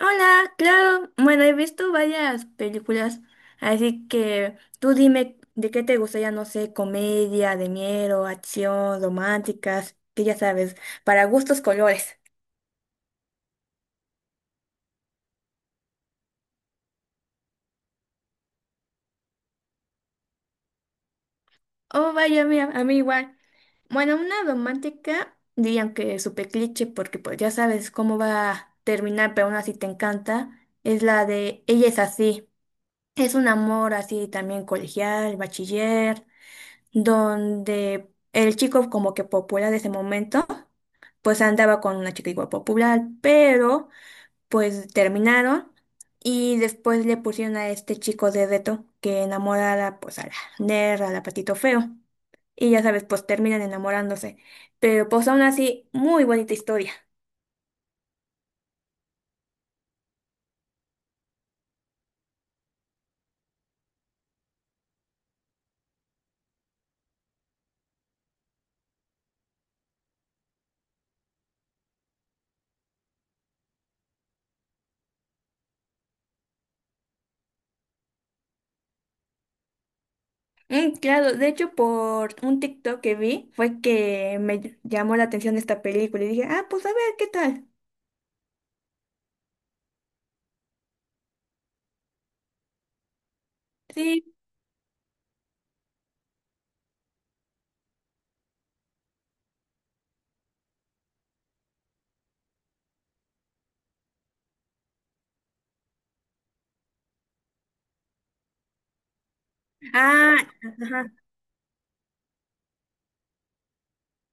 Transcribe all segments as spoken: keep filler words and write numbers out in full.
Hola, claro. Bueno, he visto varias películas, así que tú dime de qué te gustaría, no sé, comedia, de miedo, acción, románticas, que ya sabes, para gustos colores. Oh, vaya, mira, a mí igual. Bueno, una romántica, dirían que es súper cliché porque pues ya sabes cómo va a terminar, pero aún así te encanta, es la de Ella es así. Es un amor así también colegial, bachiller, donde el chico como que popular de ese momento, pues andaba con una chica igual popular, pero pues terminaron y después le pusieron a este chico de reto que enamorara pues a la ner a la patito feo. Y ya sabes, pues terminan enamorándose. Pero pues aún así, muy bonita historia. Mm, claro, de hecho por un TikTok que vi fue que me llamó la atención esta película y dije, ah, pues a ver, ¿qué tal? Sí. Ah, ajá.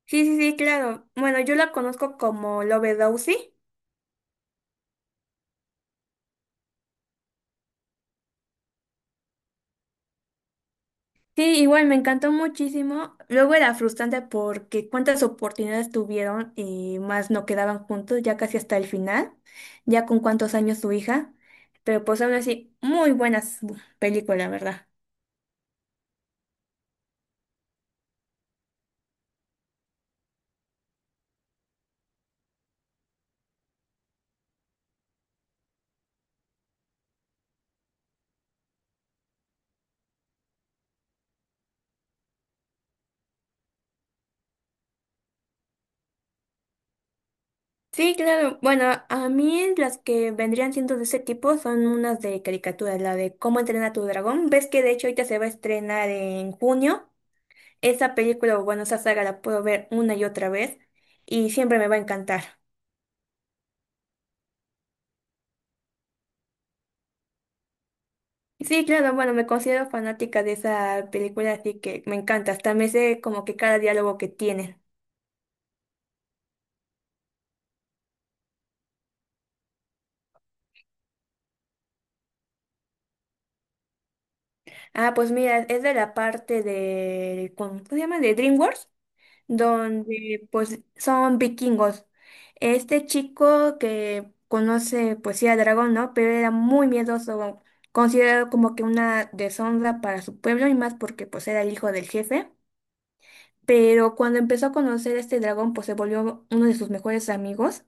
Sí, sí, sí, claro. Bueno, yo la conozco como Lovedowsy. Sí, igual me encantó muchísimo. Luego era frustrante porque cuántas oportunidades tuvieron y más no quedaban juntos, ya casi hasta el final, ya con cuántos años su hija. Pero pues aún así, muy buenas películas, ¿verdad? Sí, claro. Bueno, a mí las que vendrían siendo de ese tipo son unas de caricaturas, la de Cómo entrenar a tu dragón. Ves que de hecho ahorita se va a estrenar en junio. Esa película, o bueno, esa saga la puedo ver una y otra vez y siempre me va a encantar. Sí, claro, bueno, me considero fanática de esa película, así que me encanta. Hasta me sé como que cada diálogo que tienen. Ah, pues mira, es de la parte de, ¿cómo se llama? De DreamWorks, donde pues son vikingos. Este chico que conoce, pues sí, a Dragón, ¿no? Pero era muy miedoso, considerado como que una deshonra para su pueblo y más porque pues era el hijo del jefe. Pero cuando empezó a conocer a este dragón, pues se volvió uno de sus mejores amigos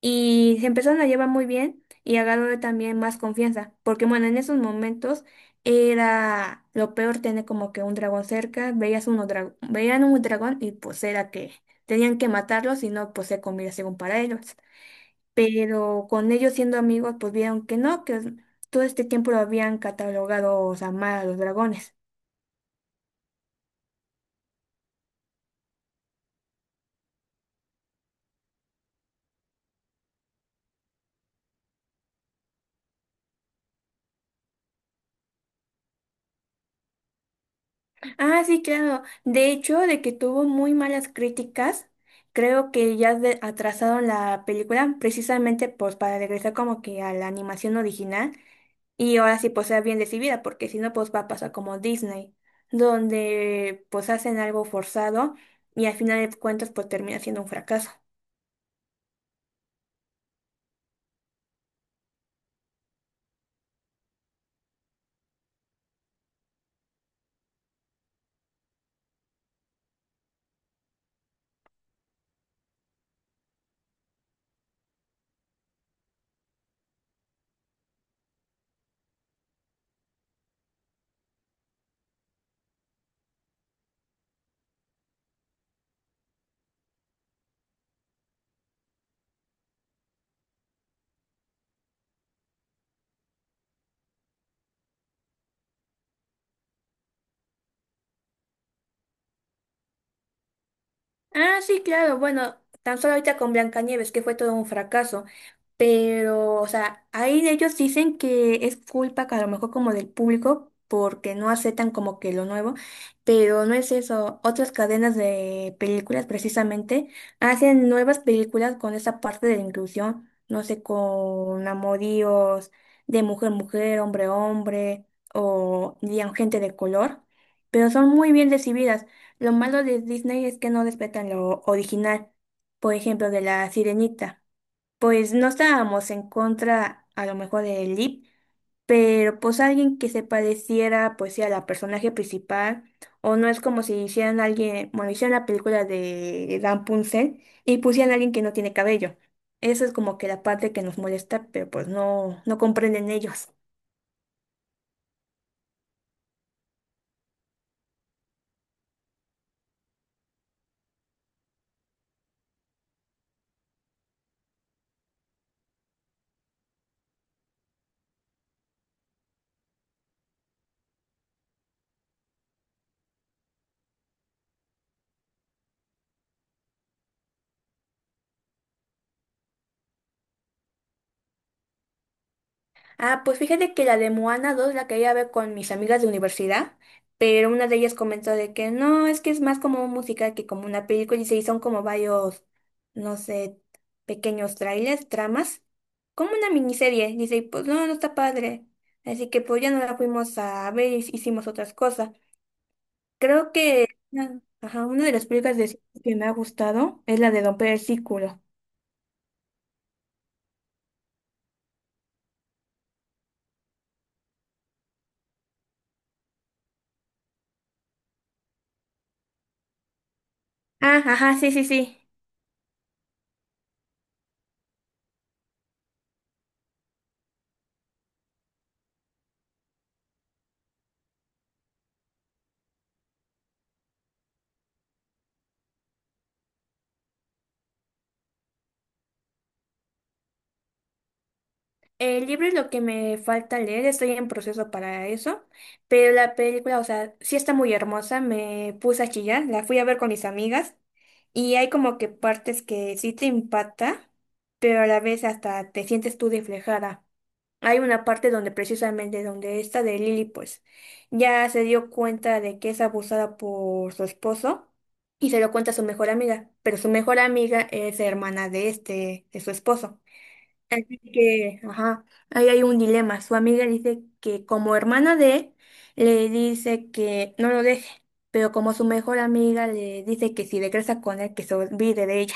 y se empezaron a llevar muy bien y agarró también más confianza, porque bueno, en esos momentos era lo peor tener como que un dragón cerca, veías uno dra- veían un dragón y pues era que tenían que matarlo, si no, pues se comía según para ellos. Pero con ellos siendo amigos, pues vieron que no, que todo este tiempo lo habían catalogado, o sea, mal a los dragones. Ah, sí, claro. De hecho, de que tuvo muy malas críticas, creo que ya de- atrasaron la película precisamente pues para regresar como que a la animación original y ahora sí pues sea bien recibida, porque si no pues va a pasar como Disney, donde pues hacen algo forzado y al final de cuentas pues termina siendo un fracaso. Ah, sí, claro. Bueno, tan solo ahorita con Blancanieves, que fue todo un fracaso. Pero, o sea, ahí ellos dicen que es culpa que a lo mejor como del público, porque no aceptan como que lo nuevo. Pero no es eso. Otras cadenas de películas, precisamente, hacen nuevas películas con esa parte de la inclusión. No sé, con amoríos de mujer-mujer, hombre-hombre, o digamos, gente de color. Pero son muy bien recibidas. Lo malo de Disney es que no respetan lo original, por ejemplo, de la Sirenita. Pues no estábamos en contra a lo mejor de Lip, pero pues alguien que se pareciera pues sí a la personaje principal, o no es como si hicieran alguien, bueno, hicieran la película de Rapunzel y pusieran a alguien que no tiene cabello. Eso es como que la parte que nos molesta, pero pues no, no comprenden ellos. Ah, pues fíjate que la de Moana dos la quería ver con mis amigas de universidad, pero una de ellas comentó de que no, es que es más como un musical que como una película y se son como varios, no sé, pequeños trailers, tramas, como una miniserie. Dice, y pues no, no está padre. Así que pues ya no la fuimos a ver y hicimos otras cosas. Creo que ah, ajá, una de las películas de- que me ha gustado es la de Don Círculo. Ah, ajá, sí, sí, sí. El libro es lo que me falta leer, estoy en proceso para eso, pero la película, o sea, sí está muy hermosa, me puse a chillar, la fui a ver con mis amigas y hay como que partes que sí te impacta, pero a la vez hasta te sientes tú reflejada. Hay una parte donde precisamente donde esta de Lily pues ya se dio cuenta de que es abusada por su esposo y se lo cuenta a su mejor amiga, pero su mejor amiga es hermana de este, de su esposo que, ajá, ahí hay un dilema. Su amiga dice que como hermana de él, le dice que no lo deje, pero como su mejor amiga le dice que si regresa con él, que se olvide de ella.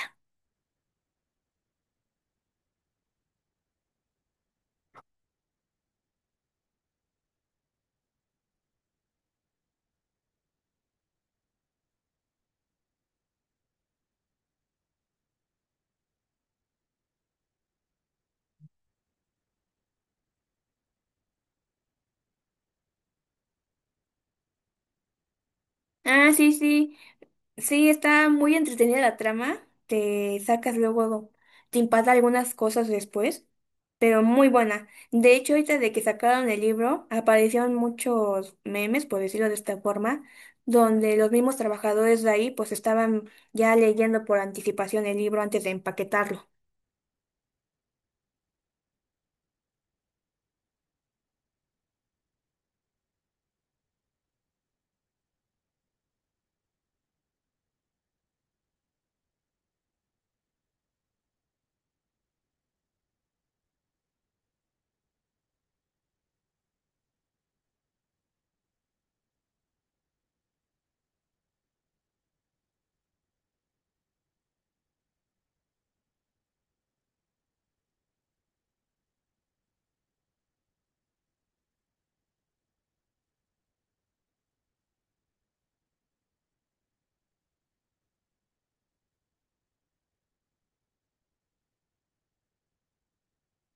Ah, sí, sí. Sí, está muy entretenida la trama. Te sacas luego, te impacta algunas cosas después, pero muy buena. De hecho, ahorita de que sacaron el libro, aparecieron muchos memes, por decirlo de esta forma, donde los mismos trabajadores de ahí pues estaban ya leyendo por anticipación el libro antes de empaquetarlo.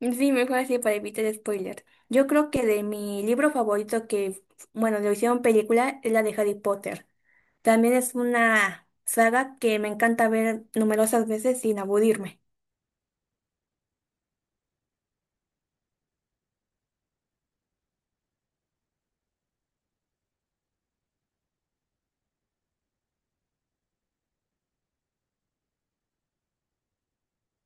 Sí, mejor así para evitar spoiler. Yo creo que de mi libro favorito que, bueno, lo hicieron película es la de Harry Potter. También es una saga que me encanta ver numerosas veces sin aburrirme.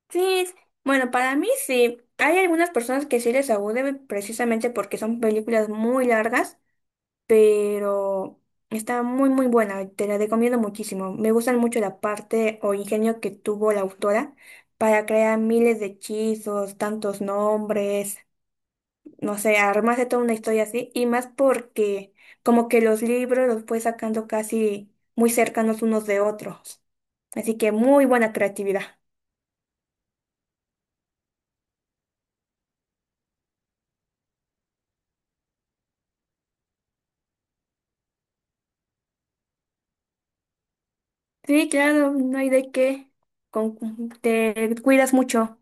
Sí, es- bueno, para mí sí. Hay algunas personas que sí les aburre precisamente porque son películas muy largas, pero está muy muy buena, te la recomiendo muchísimo. Me gustan mucho la parte o ingenio que tuvo la autora para crear miles de hechizos, tantos nombres, no sé, armarse toda una historia así, y más porque como que los libros los fue sacando casi muy cercanos unos de otros. Así que muy buena creatividad. Sí, claro, no hay de qué. Con- te cuidas mucho.